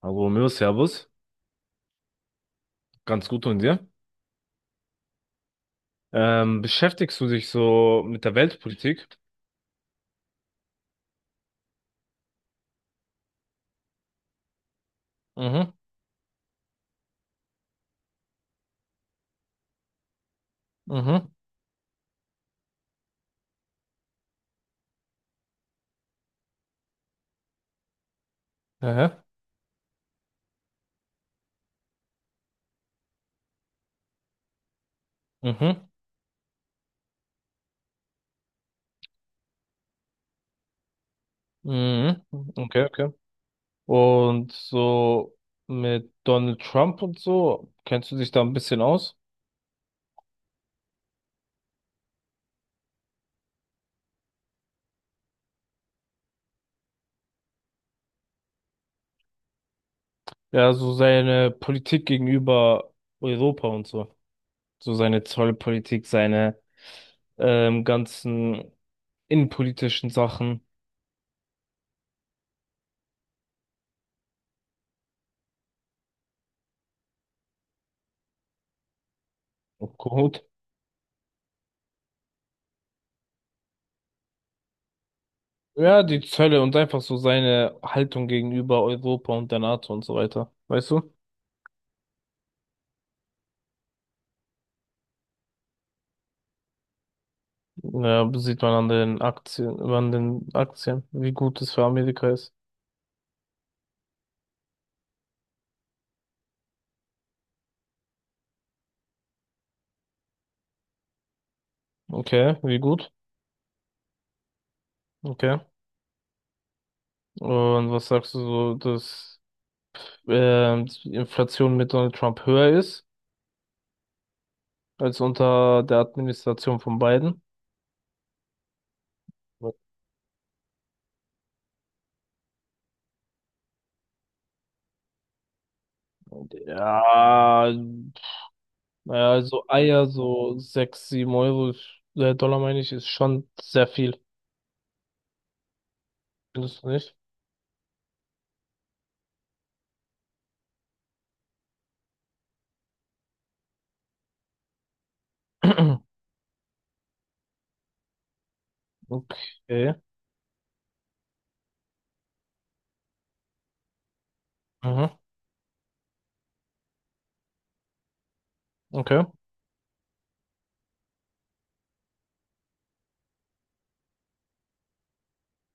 Hallo, Mir, Servus. Ganz gut und dir? Beschäftigst du dich so mit der Weltpolitik? Mhm, mhm, aha, mhm, mhm, okay, okay. Und so mit Donald Trump und so, kennst du dich da ein bisschen aus? Ja, so seine Politik gegenüber Europa und so. So seine Zollpolitik, seine ganzen innenpolitischen Sachen. Gut. Ja, die Zölle und einfach so seine Haltung gegenüber Europa und der NATO und so weiter. Weißt du? Ja, sieht man an den Aktien, wie gut es für Amerika ist. Okay, wie gut? Okay. Und was sagst du so, dass die Inflation mit Donald Trump höher ist als unter der Administration von Biden? Ja, naja, also Eier, so sechs, sieben Euro, Dollar meine ich, ist schon sehr viel. Findest du nicht? Okay. Mhm. Okay.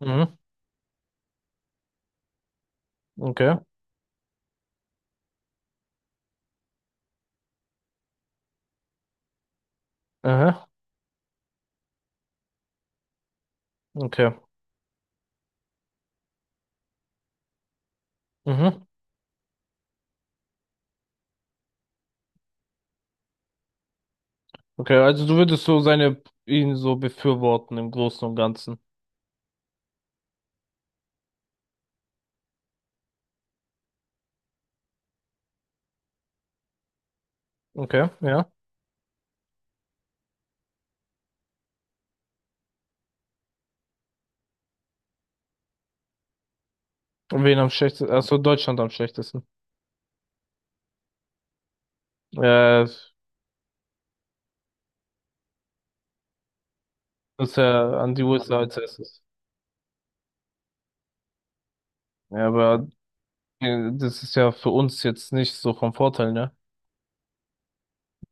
Mhm. Okay. Aha. Okay. Mhm. Okay, also du würdest so seine ihn so befürworten im Großen und Ganzen. Okay, ja. Und wen am schlechtesten? Achso, Deutschland am schlechtesten. Äh, dass er an die USA als erstes. Ja, aber das ist ja für uns jetzt nicht so vom Vorteil, ne?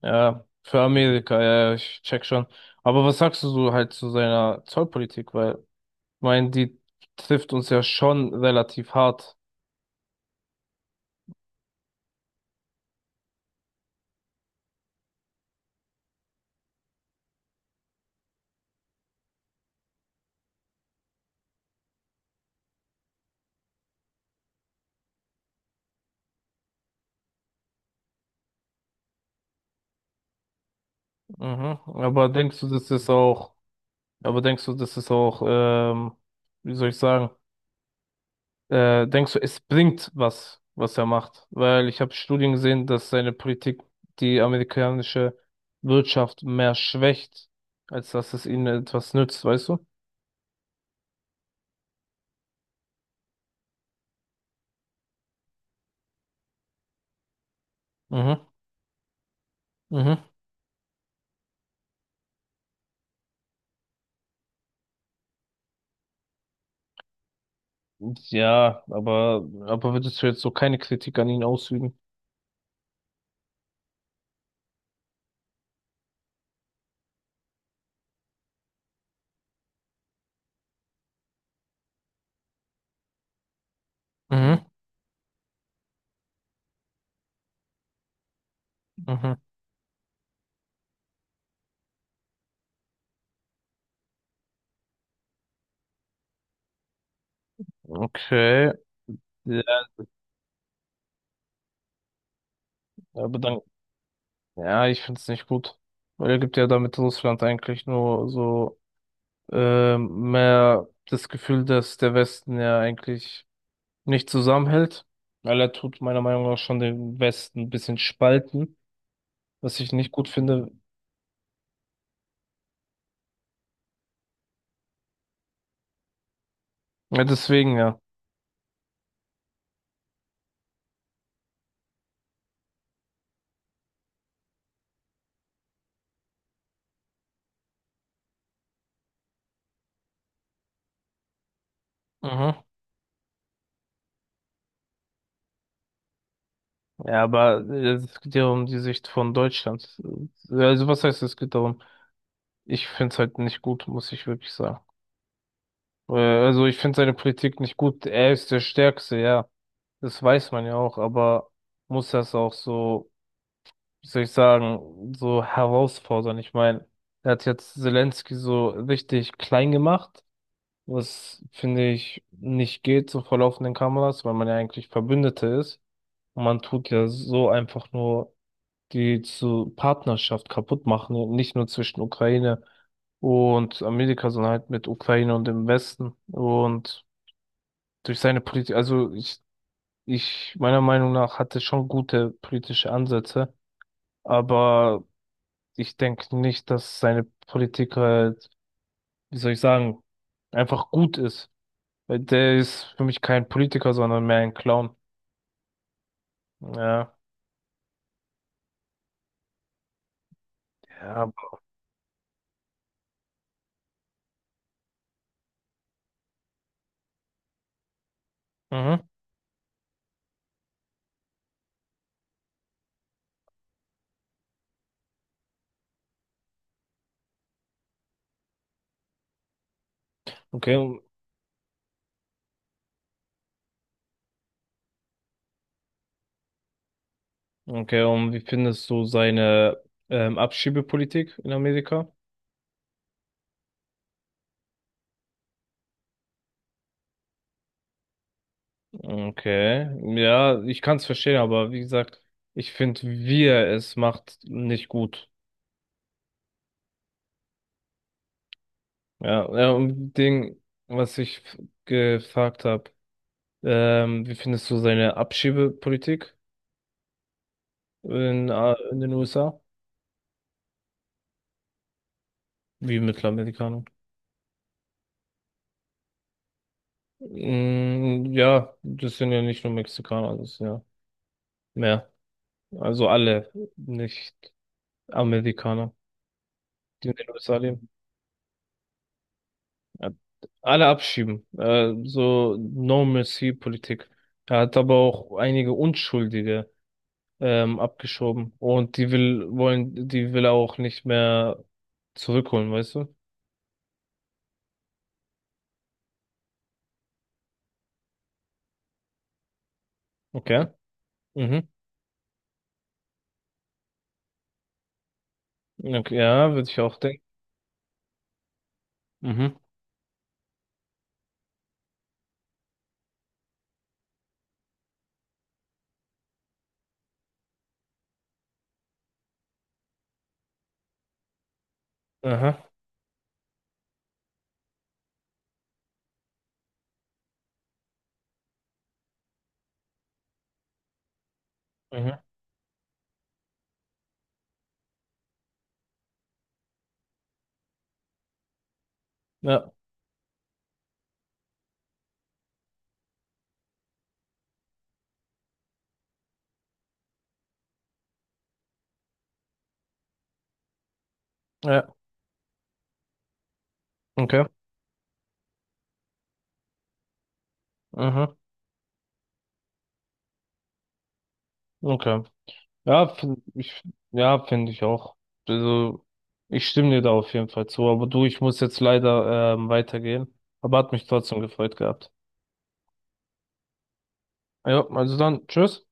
Ja, für Amerika, ja, ja, ich check schon. Aber was sagst du so halt zu seiner Zollpolitik? Weil, ich meine, die trifft uns ja schon relativ hart. Mhm. Aber denkst du, das ist auch, wie soll ich sagen, denkst du, es bringt was, was er macht? Weil ich habe Studien gesehen, dass seine Politik die amerikanische Wirtschaft mehr schwächt, als dass es ihnen etwas nützt, weißt du? Mhm. Mhm. Ja, aber würdest du jetzt so keine Kritik an ihn ausüben? Mhm. Mhm. Okay. Ja, aber dann ja, ich find's nicht gut. Weil er gibt ja damit Russland eigentlich nur so mehr das Gefühl, dass der Westen ja eigentlich nicht zusammenhält. Weil er tut meiner Meinung nach schon den Westen ein bisschen spalten, was ich nicht gut finde. Ja, deswegen ja. Mhm. Ja, aber es geht ja um die Sicht von Deutschland. Also was heißt, es geht darum? Ich find's halt nicht gut, muss ich wirklich sagen. Also ich find seine Politik nicht gut. Er ist der Stärkste, ja. Das weiß man ja auch, aber muss das auch so, wie soll ich sagen, so herausfordern? Ich meine, er hat jetzt Zelensky so richtig klein gemacht, was finde ich nicht geht, so vor laufenden Kameras, weil man ja eigentlich Verbündete ist. Und man tut ja so einfach nur die zu Partnerschaft kaputt machen, und nicht nur zwischen Ukraine und Amerika, sondern halt mit Ukraine und dem Westen. Und durch seine Politik, also ich, meiner Meinung nach, hatte schon gute politische Ansätze, aber ich denke nicht, dass seine Politik halt, wie soll ich sagen, einfach gut ist. Weil der ist für mich kein Politiker, sondern mehr ein Clown. Ja. Ja, mhm. Okay. Okay, und wie findest du seine Abschiebepolitik in Amerika? Okay. Ja, ich kann es verstehen, aber wie gesagt, ich finde, wie er es macht, nicht gut. Ja, ja, und Ding, was ich f- gefragt habe, wie findest du seine Abschiebepolitik in den USA? Wie Mittelamerikanern? Mm, ja, das sind ja nicht nur Mexikaner, das sind ja mehr. Also alle Nicht-Amerikaner, die in den USA leben. Ja, alle abschieben. So No-Mercy-Politik. Er hat aber auch einige Unschuldige abgeschoben. Und die will er auch nicht mehr zurückholen, weißt du? Okay. Mhm. Okay, ja, würde ich auch denken. Mhm. Aha. Mhm. Ja, ja, okay. Aha. Okay. Ja, find ich, ja, finde ich auch. Also, ich stimme dir da auf jeden Fall zu. Aber du, ich muss jetzt leider weitergehen. Aber hat mich trotzdem gefreut gehabt. Ja, also dann, tschüss.